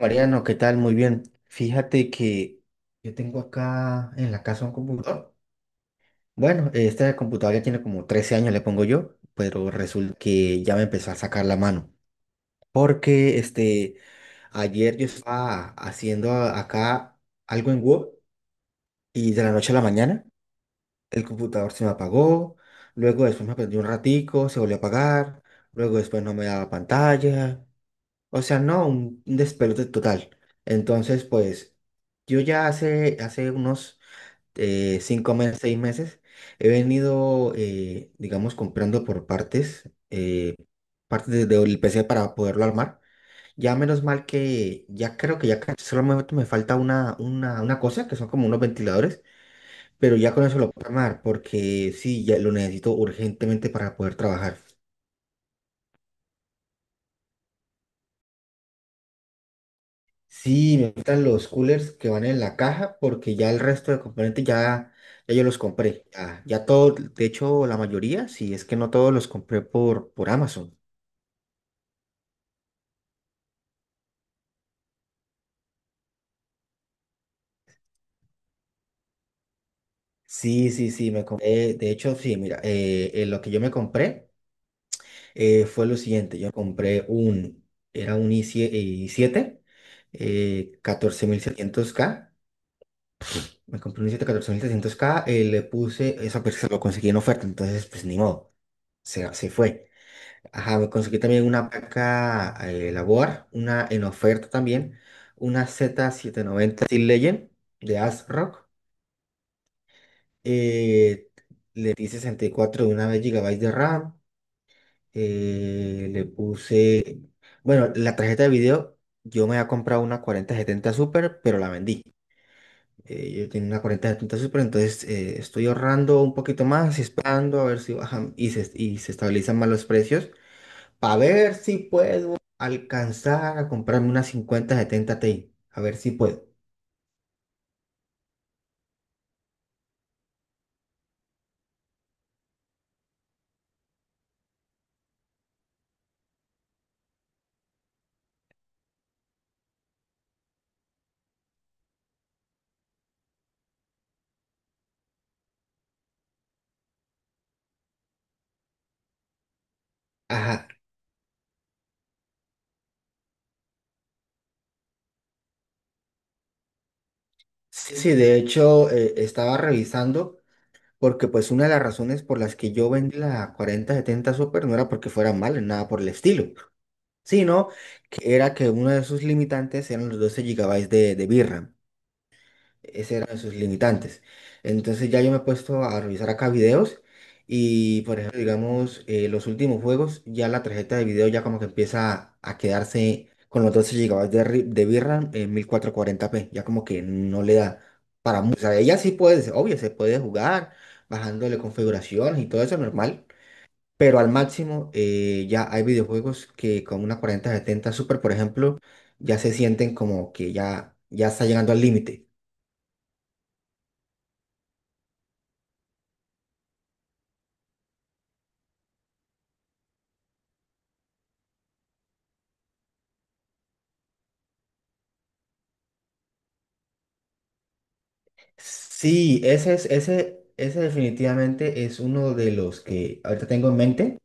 Mariano, ¿qué tal? Muy bien. Fíjate que yo tengo acá en la casa un computador. Bueno, este computador ya tiene como 13 años, le pongo yo, pero resulta que ya me empezó a sacar la mano. Porque este, ayer yo estaba haciendo acá algo en Word y de la noche a la mañana el computador se me apagó. Luego después me prendió un ratico, se volvió a apagar. Luego después no me daba pantalla. O sea, no, un despelote total. Entonces, pues, yo ya hace unos 5 meses, 6 meses, he venido, digamos, comprando por partes, partes del PC para poderlo armar. Ya menos mal que ya creo que ya solamente me falta una cosa, que son como unos ventiladores, pero ya con eso lo puedo armar, porque sí, ya lo necesito urgentemente para poder trabajar. Sí, me gustan los coolers que van en la caja porque ya el resto de componentes ya yo los compré. Ya todo, de hecho la mayoría, sí, es que no todos los compré por Amazon. Sí, sí, sí, me compré. De hecho, sí, mira, lo que yo me compré fue lo siguiente. Yo compré era un i7, 14700K. Me compré un i7 14700K, le puse, eso pues, se lo conseguí en oferta, entonces pues ni modo, se fue. Ajá, me conseguí también una placa labor, una en oferta también, una Z790 Steel Legend de ASRock. Eh, le di 64 de una vez GB de RAM. Le puse, bueno, la tarjeta de video. Yo me había comprado una 4070 Super, pero la vendí. Yo tenía una 4070 Super, entonces estoy ahorrando un poquito más esperando a ver si bajan y se estabilizan más los precios, para ver si puedo alcanzar a comprarme una 5070 Ti. A ver si puedo. Ajá. Sí, sí, de hecho, estaba revisando, porque pues una de las razones por las que yo vendí la 4070 Super no era porque fuera mala, nada por el estilo, sino que era que uno de sus limitantes eran los 12 gigabytes de VRAM. Ese eran sus limitantes. Entonces ya yo me he puesto a revisar acá videos y, por ejemplo, digamos, los últimos juegos, ya la tarjeta de video ya como que empieza a quedarse con los 12 gigabytes de VRAM en 1440p, ya como que no le da para mucho. O sea, ella sí puede, obvio, se puede jugar bajándole configuraciones y todo eso normal, pero al máximo, ya hay videojuegos que con una 4070 Super, por ejemplo, ya se sienten como que ya está llegando al límite. Sí, ese definitivamente es uno de los que ahorita tengo en mente,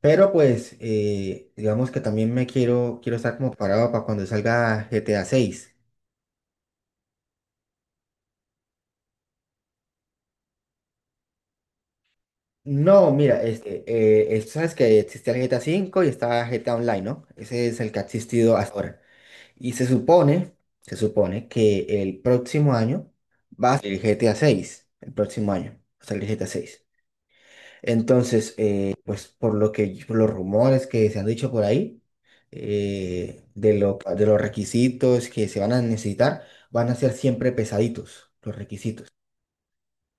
pero pues digamos que también quiero estar como parado para cuando salga GTA 6. No, mira, sabes que existía el GTA 5 y estaba GTA Online, ¿no? Ese es el que ha existido hasta ahora. Y se supone que el próximo año va a salir GTA 6, el próximo año va a salir GTA 6. Entonces, pues por los rumores que se han dicho por ahí, de los requisitos que se van a necesitar, van a ser siempre pesaditos los requisitos.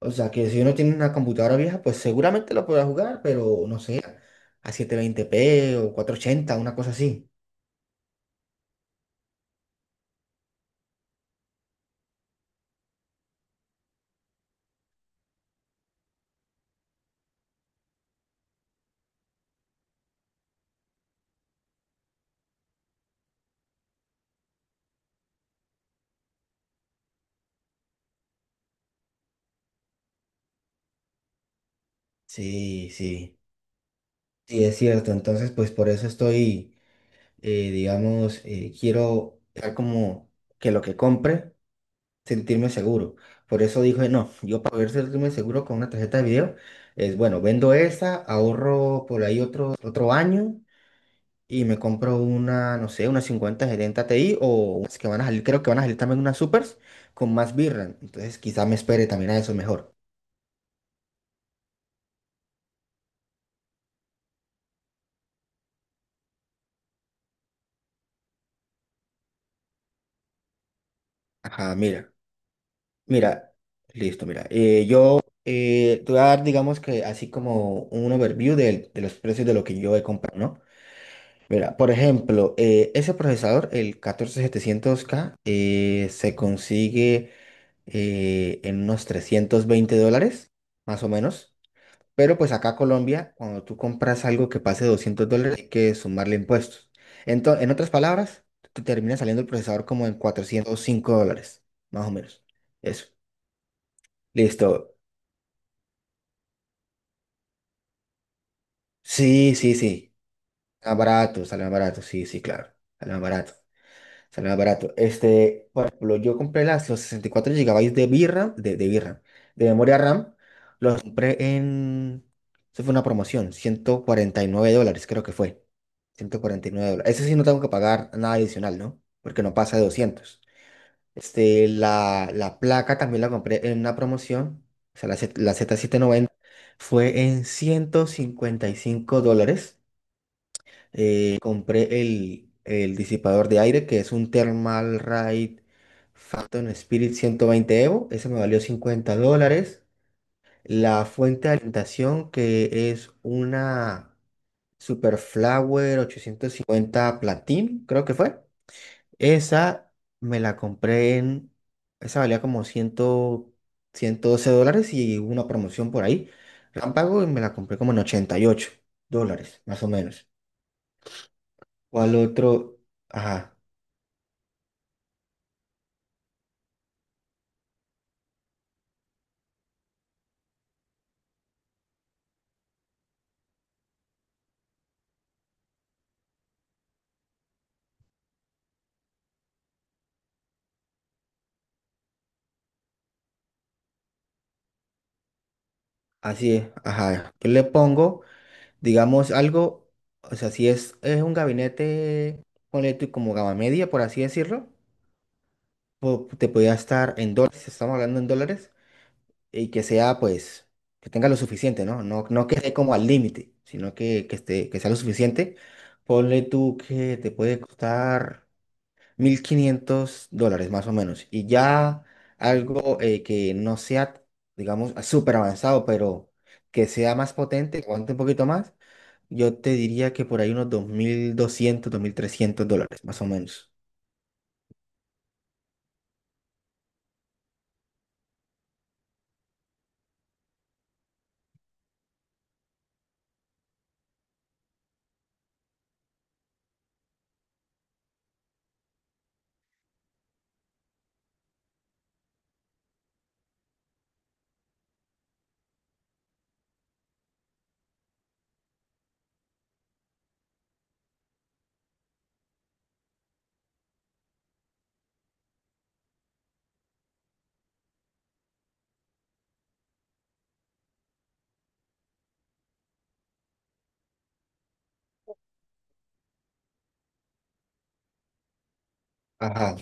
O sea que si uno tiene una computadora vieja, pues seguramente lo podrá jugar, pero no sé, a 720p o 480, una cosa así. Sí, sí, sí, es cierto. Entonces, pues por eso estoy, digamos, quiero dejar como que lo que compre, sentirme seguro. Por eso dije, no, yo, para poder sentirme seguro con una tarjeta de video, es bueno, vendo esa, ahorro por ahí otro año y me compro una, no sé, una 5070 Ti, o unas que van a salir, creo que van a salir también unas Supers con más VRAM. Entonces quizá me espere también a eso mejor. Ajá, mira, mira, listo, mira. Yo, te voy a dar, digamos, que así como un overview de los precios de lo que yo he comprado, ¿no? Mira, por ejemplo, ese procesador, el 14700K, se consigue en unos $320, más o menos. Pero pues acá Colombia, cuando tú compras algo que pase $200, hay que sumarle impuestos. Entonces, en otras palabras, te termina saliendo el procesador como en $405, más o menos. Eso. Listo. Sí, sí, sí. Más barato, sale más barato. Sí, sí, claro. Sale más barato. Sale más barato. Este, por ejemplo, yo compré los 64 GB de birra, de birra, de memoria RAM. Los compré en. Eso fue una promoción, $149, creo que fue. $149. Ese sí no tengo que pagar nada adicional, ¿no? Porque no pasa de 200. Este, la placa también la compré en una promoción. O sea, la Z790 fue en $155. Compré el disipador de aire, que es un Thermal Raid Phantom Spirit 120 Evo. Ese me valió $50. La fuente de alimentación, que es una Super Flower 850 Platin, creo que fue. Esa me la compré en. Esa valía como 100, $112, y hubo una promoción por ahí. Rámpago, y me la compré como en $88, más o menos. ¿Cuál otro? Ajá, así es, ajá. Yo le pongo, digamos, algo, o sea, si es, es un gabinete, ponle tú como gama media, por así decirlo, te podría estar en dólares, estamos hablando en dólares, y que sea, pues, que tenga lo suficiente, ¿no? No, no que esté como al límite, sino que, esté, que sea lo suficiente. Ponle tú que te puede costar $1,500, más o menos. Y ya algo, que no sea, digamos, súper avanzado, pero que sea más potente, que aguante un poquito más, yo te diría que por ahí unos dos mil doscientos, $2,300, más o menos. Ajá.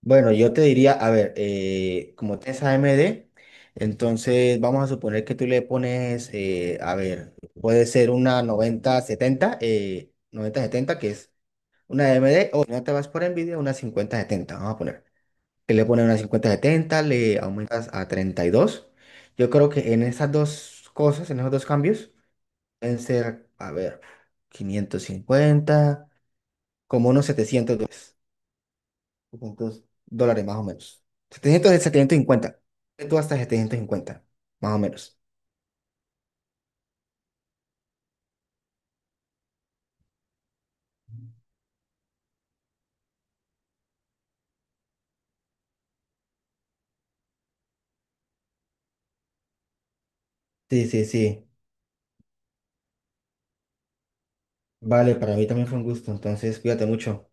Bueno, yo te diría, a ver, como tienes AMD, entonces vamos a suponer que tú le pones, a ver, puede ser una noventa setenta, que es una AMD, o si no te vas por Nvidia, una 5070, vamos a poner, que le pones una 5070, le aumentas a 32. Yo creo que en esas dos cosas, en esos dos cambios, pueden ser, a ver, 550, como unos 700 dólares, $700 más o menos. 700, de 750, tú, hasta 750, más o menos. Sí, sí, sí. Vale, para mí también fue un gusto, entonces cuídate mucho.